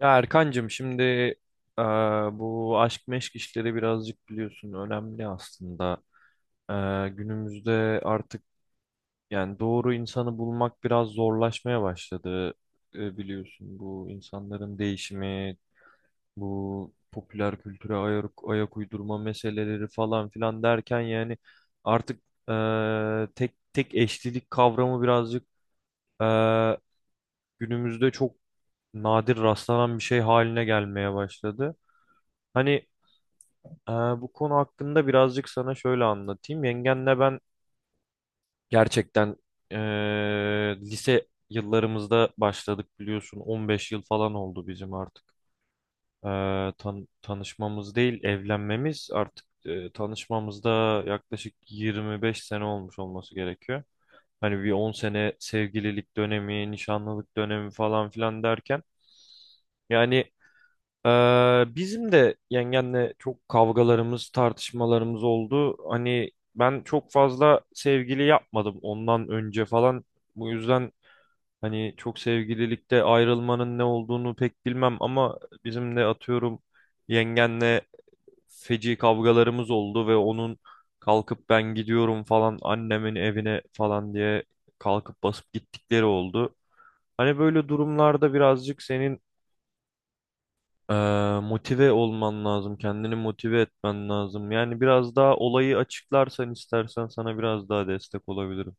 Ya Erkancığım, şimdi eee, bu aşk meşk işleri birazcık biliyorsun önemli aslında. Günümüzde artık yani doğru insanı bulmak biraz zorlaşmaya başladı. Biliyorsun, bu insanların değişimi, bu popüler kültüre ayak uydurma meseleleri falan filan derken, yani artık tek tek eşlilik kavramı birazcık eee, günümüzde çok nadir rastlanan bir şey haline gelmeye başladı. Hani bu konu hakkında birazcık sana şöyle anlatayım. Yengenle ben gerçekten ee, lise yıllarımızda başladık biliyorsun. 15 yıl falan oldu bizim artık. Tanışmamız değil, evlenmemiz artık, tanışmamızda yaklaşık 25 sene olmuş olması gerekiyor. Hani bir 10 sene sevgililik dönemi, nişanlılık dönemi falan filan derken. Yani bizim de yengenle çok kavgalarımız, tartışmalarımız oldu. Hani ben çok fazla sevgili yapmadım ondan önce falan. Bu yüzden hani çok sevgililikte ayrılmanın ne olduğunu pek bilmem, ama bizim de atıyorum yengenle feci kavgalarımız oldu ve onun kalkıp ben gidiyorum falan annemin evine falan diye kalkıp basıp gittikleri oldu. Hani böyle durumlarda birazcık senin ee, motive olman lazım, kendini motive etmen lazım. Yani biraz daha olayı açıklarsan istersen sana biraz daha destek olabilirim.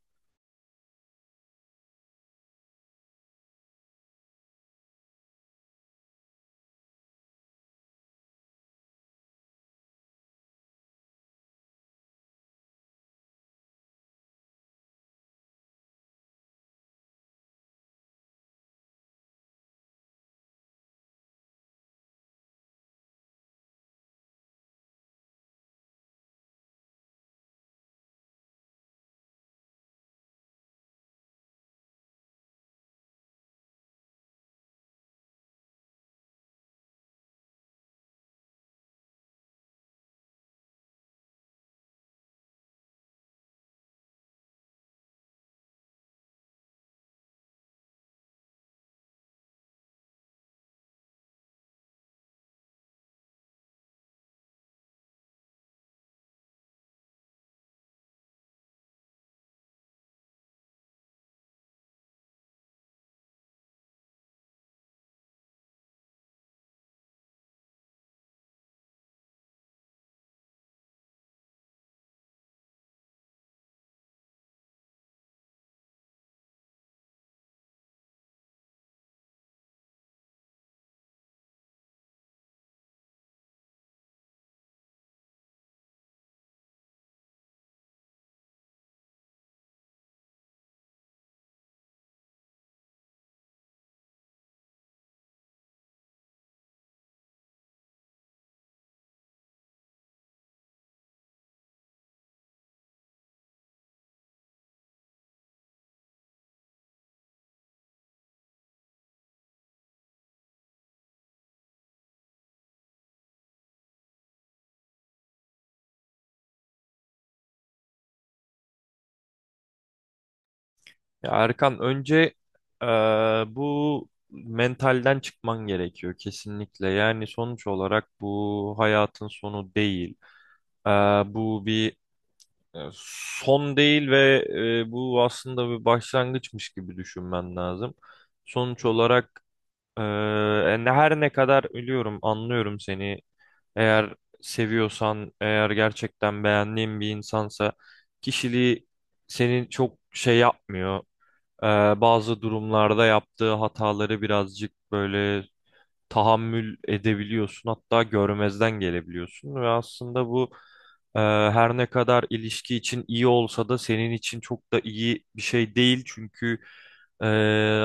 Ya Erkan, önce ee, bu mentalden çıkman gerekiyor kesinlikle. Yani sonuç olarak bu hayatın sonu değil. Ee, Bu bir e, son değil ve e, bu aslında bir başlangıçmış gibi düşünmen lazım. Sonuç olarak ee, her ne kadar ölüyorum, anlıyorum seni. Eğer seviyorsan, eğer gerçekten beğendiğin bir insansa, kişiliği seni çok şey yapmıyor. Ee, Bazı durumlarda yaptığı hataları birazcık böyle tahammül edebiliyorsun, hatta görmezden gelebiliyorsun ve aslında bu e, her ne kadar ilişki için iyi olsa da senin için çok da iyi bir şey değil, çünkü e,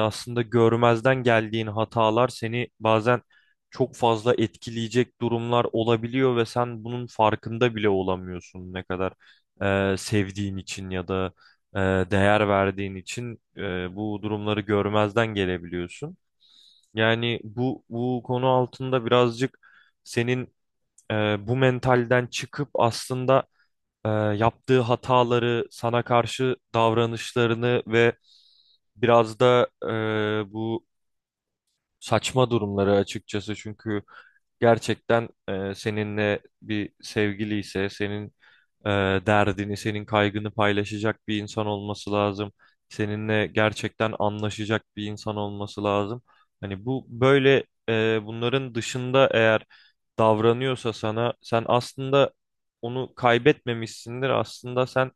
aslında görmezden geldiğin hatalar seni bazen çok fazla etkileyecek durumlar olabiliyor ve sen bunun farkında bile olamıyorsun, ne kadar e, sevdiğin için ya da e, değer verdiğin için e, bu durumları görmezden gelebiliyorsun. Yani bu konu altında birazcık senin e, bu mentalden çıkıp aslında e, yaptığı hataları, sana karşı davranışlarını ve biraz da e, bu saçma durumları açıkçası, çünkü gerçekten e, seninle bir sevgili ise senin e, derdini, senin kaygını paylaşacak bir insan olması lazım. Seninle gerçekten anlaşacak bir insan olması lazım. Hani bu böyle e, bunların dışında eğer davranıyorsa sana, sen aslında onu kaybetmemişsindir. Aslında sen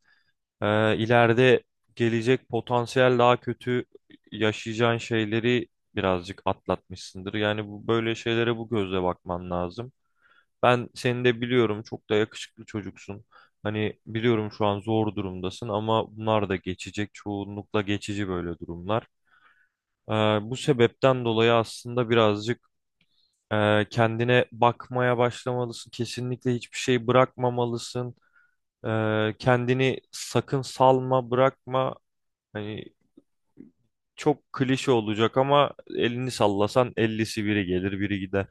e, ileride gelecek potansiyel daha kötü yaşayacağın şeyleri birazcık atlatmışsındır. Yani bu böyle şeylere bu gözle bakman lazım. Ben seni de biliyorum, çok da yakışıklı çocuksun. Hani biliyorum şu an zor durumdasın, ama bunlar da geçecek. Çoğunlukla geçici böyle durumlar. Ee, Bu sebepten dolayı aslında birazcık e, kendine bakmaya başlamalısın. Kesinlikle hiçbir şey bırakmamalısın. Kendini sakın salma, bırakma. Hani çok klişe olacak ama elini sallasan 50'si biri gelir, biri gider.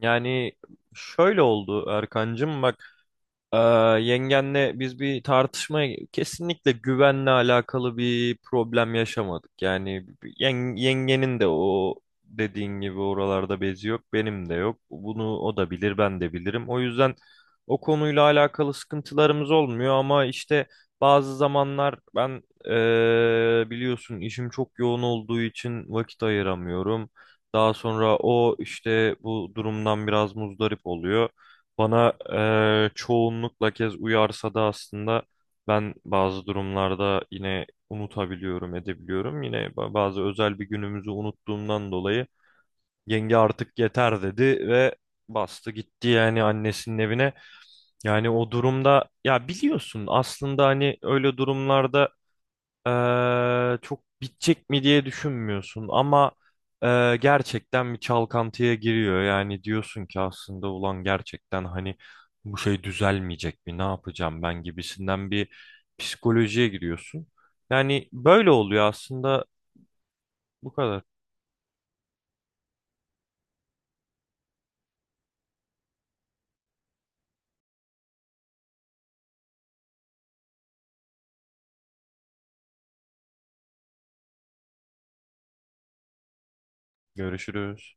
Yani şöyle oldu Erkancığım, bak. Ee, Yengenle biz bir tartışmaya kesinlikle güvenle alakalı bir problem yaşamadık. Yani yengenin de o dediğin gibi oralarda bezi yok, benim de yok. Bunu o da bilir, ben de bilirim. O yüzden o konuyla alakalı sıkıntılarımız olmuyor, ama işte bazı zamanlar ben biliyorsun işim çok yoğun olduğu için vakit ayıramıyorum. Daha sonra o işte bu durumdan biraz muzdarip oluyor. Bana çoğunlukla kez uyarsa da aslında ben bazı durumlarda yine unutabiliyorum, edebiliyorum. Yine bazı özel bir günümüzü unuttuğumdan dolayı yenge artık yeter dedi ve bastı gitti yani annesinin evine. Yani o durumda ya biliyorsun aslında hani öyle durumlarda çok bitecek mi diye düşünmüyorsun, ama gerçekten bir çalkantıya giriyor. Yani diyorsun ki aslında ulan gerçekten hani bu şey düzelmeyecek mi? Ne yapacağım ben gibisinden bir psikolojiye giriyorsun. Yani böyle oluyor aslında. Bu kadar. Görüşürüz.